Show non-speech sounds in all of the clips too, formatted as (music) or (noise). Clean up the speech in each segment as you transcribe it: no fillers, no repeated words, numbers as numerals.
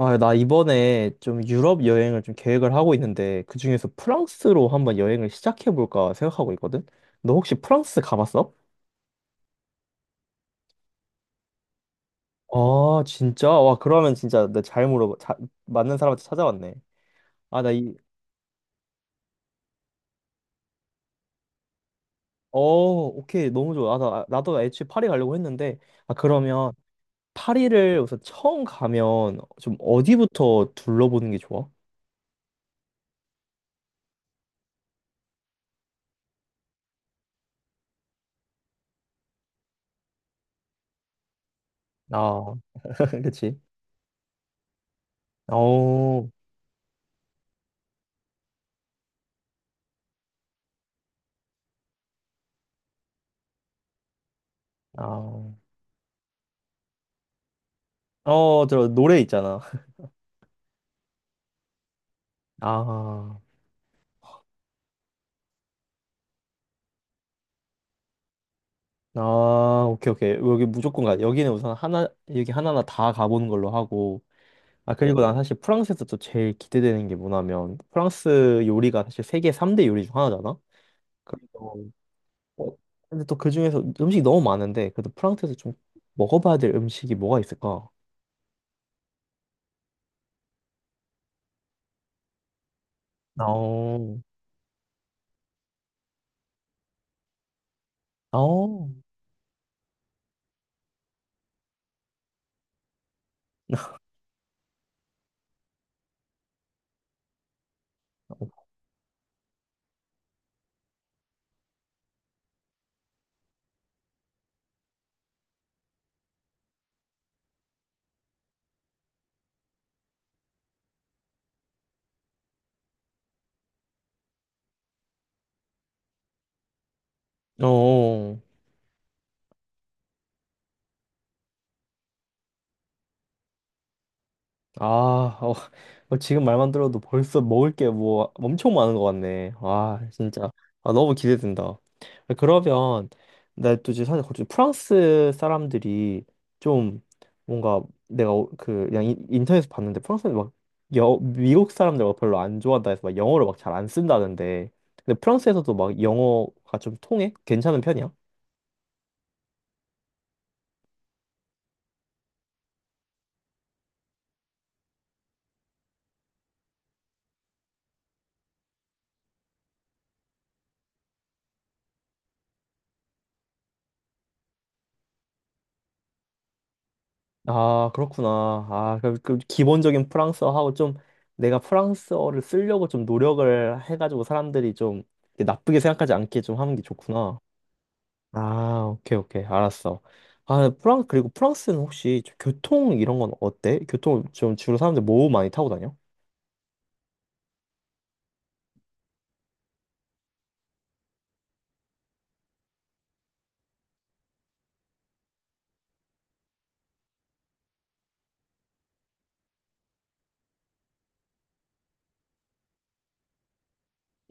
아, 나 이번에 좀 유럽 여행을 좀 계획을 하고 있는데 그중에서 프랑스로 한번 여행을 시작해 볼까 생각하고 있거든. 너 혹시 프랑스 가봤어? 아, 진짜? 와, 그러면 진짜 나 잘 물어봐. 자, 맞는 사람한테 찾아왔네. 아, 나 이, 어, 오케이. 너무 좋아. 아, 나, 아, 나도 애초에 파리 가려고 했는데, 아, 그러면 파리를 우선 처음 가면 좀 어디부터 둘러보는 게 좋아? 아, (laughs) 그치. 어, 아, 어, 저 노래 있잖아. (laughs) 아. 아, 오케이, 오케이. 여기 무조건 가. 여기는 우선 하나, 여기 하나하나 다 가보는 걸로 하고. 아, 그리고 난 사실 프랑스에서 또 제일 기대되는 게 뭐냐면, 프랑스 요리가 사실 세계 3대 요리 중 하나잖아? 그래서, 어, 근데 또 그 중에서 음식이 너무 많은데, 그래도 프랑스에서 좀 먹어봐야 될 음식이 뭐가 있을까? 어, 어, 어. 아, 어, 어, 지금 말만 들어도 벌써 먹을 게 뭐 엄청 많은 것 같네. 와, 진짜. 아, 너무 기대된다. 아, 그러면, 나 또 지금 사실 거기 프랑스 사람들이 좀 뭔가 내가 그 그냥 인터넷에서 봤는데 프랑스는 막 여, 미국 사람들과 별로 안 좋아한다 해서 막 영어를 막 잘 안 쓴다는데. 근데 프랑스에서도 막 영어가 좀 통해? 괜찮은 편이야? 아, 그렇구나. 아, 그, 그 기본적인 프랑스어하고 좀 내가 프랑스어를 쓰려고 좀 노력을 해가지고 사람들이 좀 이렇게 나쁘게 생각하지 않게 좀 하는 게 좋구나. 아, 오케이, 오케이. 알았어. 아, 프랑, 그리고 프랑스는 혹시 좀 교통 이런 건 어때? 교통 좀 주로 사람들 뭐 많이 타고 다녀?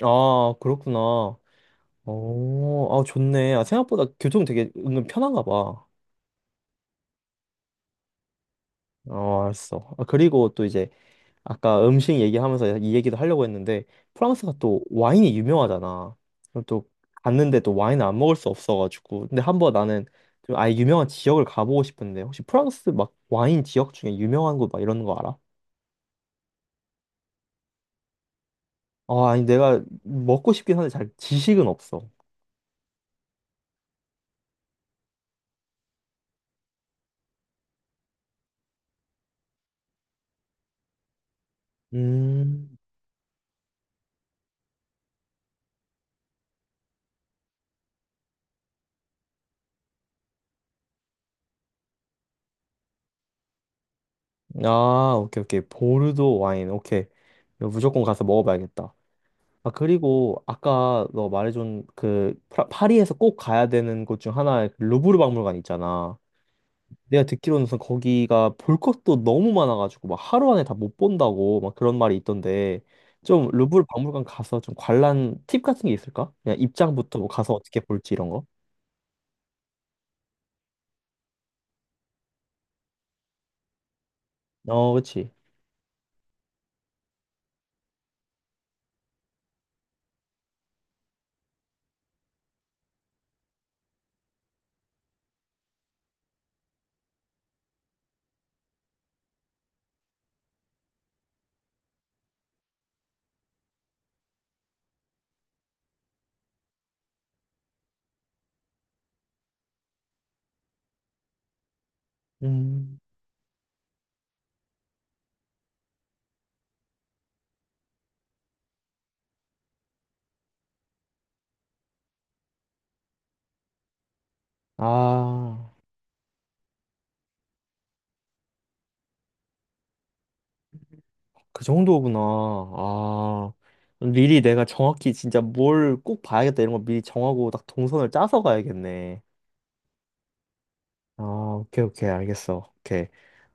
아, 그렇구나. 오, 아, 좋네. 아, 생각보다 교통 되게 은근 편한가 봐. 어, 알았어. 아, 그리고 또 이제 아까 음식 얘기하면서 이 얘기도 하려고 했는데 프랑스가 또 와인이 유명하잖아. 그럼 또 갔는데 또 와인을 안 먹을 수 없어가지고. 근데 한번 나는 좀 아예 유명한 지역을 가보고 싶은데 혹시 프랑스 막 와인 지역 중에 유명한 곳 막 이런 거 알아? 아, 아니 내가 먹고 싶긴 한데 잘 지식은 없어. 음. 아, 오케이 오케이. 보르도 와인. 오케이. 이거 무조건 가서 먹어봐야겠다. 아, 그리고 아까 너 말해준 그 파리에서 꼭 가야 되는 곳 중 하나의 그 루브르 박물관 있잖아. 내가 듣기로는 우선 거기가 볼 것도 너무 많아가지고 막 하루 안에 다 못 본다고 막 그런 말이 있던데 좀 루브르 박물관 가서 좀 관람 팁 같은 게 있을까? 그냥 입장부터 뭐 가서 어떻게 볼지 이런 거? 어, 그치. 음. 아, 그 정도구나. 아, 미리 내가 정확히 진짜 뭘 꼭 봐야겠다 이런 거 미리 정하고 딱 동선을 짜서 가야겠네. 아, 오케이, 오케이, 알겠어. 오케이.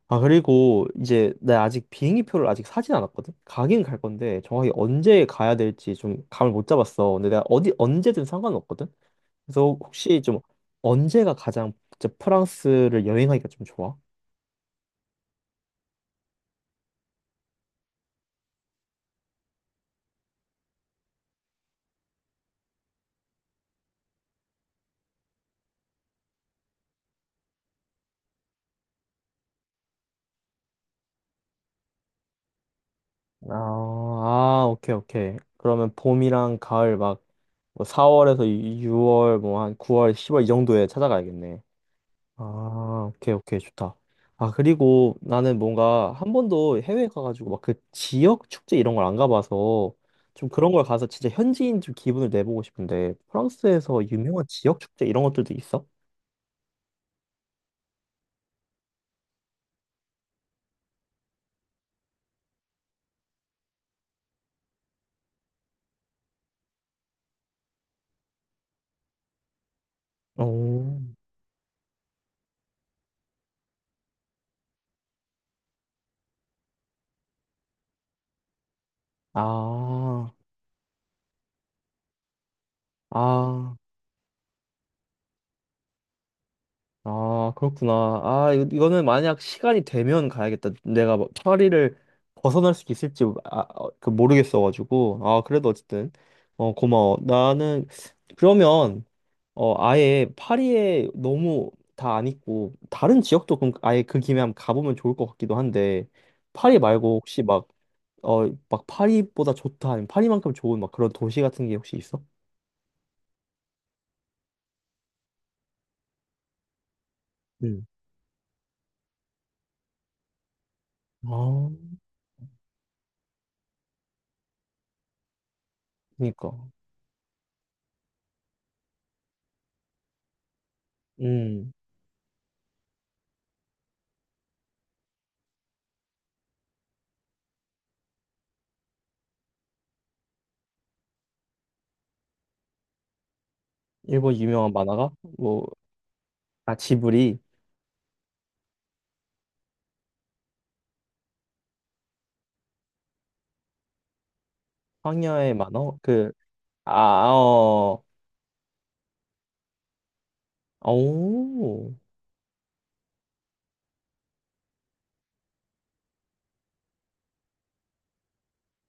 아, 그리고 이제 내가 아직 비행기 표를 아직 사진 않았거든? 가긴 갈 건데 정확히 언제 가야 될지 좀 감을 못 잡았어. 근데 내가 어디 언제든 상관없거든? 그래서 혹시 좀 언제가 가장 진짜 프랑스를 여행하기가 좀 좋아? 아, 아, 오케이, 오케이. 그러면 봄이랑 가을 막뭐 4월에서 6월, 뭐 한 9월, 10월 이 정도에 찾아가야겠네. 아, 오케이, 오케이, 좋다. 아, 그리고 나는 뭔가 한 번도 해외 가가지고 막 그 지역 축제 이런 걸 안 가봐서 좀 그런 걸 가서 진짜 현지인 좀 기분을 내보고 싶은데 프랑스에서 유명한 지역 축제 이런 것들도 있어? 오. 아, 아, 아, 그렇구나. 아, 이거는 만약 시간이 되면 가야겠다. 내가 뭐 파리를 벗어날 수 있을지 아, 어, 그 모르겠어가지고. 아, 그래도 어쨌든. 어, 고마워. 나는 그러면 어, 아예 파리에 너무 다 안 있고 다른 지역도 그럼 아예 그 김에 한번 가보면 좋을 것 같기도 한데 파리 말고 혹시 막 어, 막 파리보다 좋다 아니면 파리만큼 좋은 막 그런 도시 같은 게 혹시 있어? 음. 아, 그니까. 음, 일본 유명한 만화가? 뭐, 아, 지브리, 황여의 만화? 그, 아, 어, 오,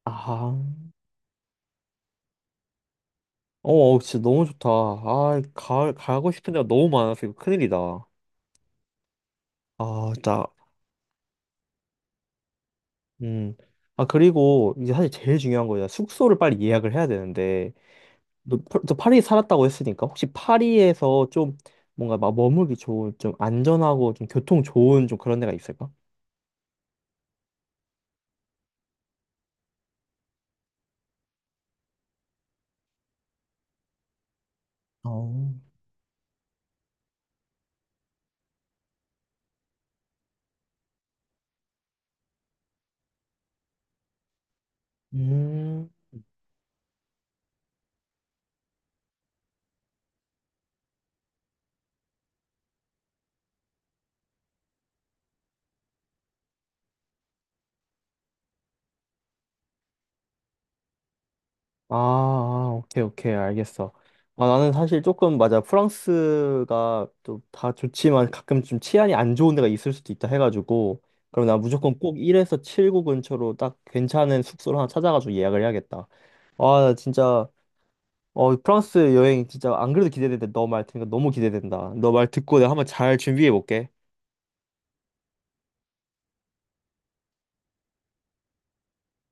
아, 어, 진짜 너무 좋다. 아, 가, 가고 싶은 데가 너무 많아서 이거 큰일이다. 아, 진짜 음. 아, 그리고 이제 사실 제일 중요한 거예요. 숙소를 빨리 예약을 해야 되는데, 너, 너 파리 살았다고 했으니까, 혹시 파리에서 좀 뭔가 막 머물기 좋은, 좀 안전하고 좀 교통 좋은 좀 그런 데가 있을까? 어, 음. 아, 아, 오케이, 오케이, 알겠어. 아, 나는 사실 조금, 맞아, 프랑스가 또 다 좋지만 가끔 좀 치안이 안 좋은 데가 있을 수도 있다 해가지고, 그럼 나 무조건 꼭 1에서 7구 근처로 딱 괜찮은 숙소를 하나 찾아가지고 예약을 해야겠다. 아, 나 진짜 어, 프랑스 여행 진짜 안 그래도 기대되는데 너 말 듣니까 너무 기대된다. 너 말 듣고 내가 한번 잘 준비해 볼게.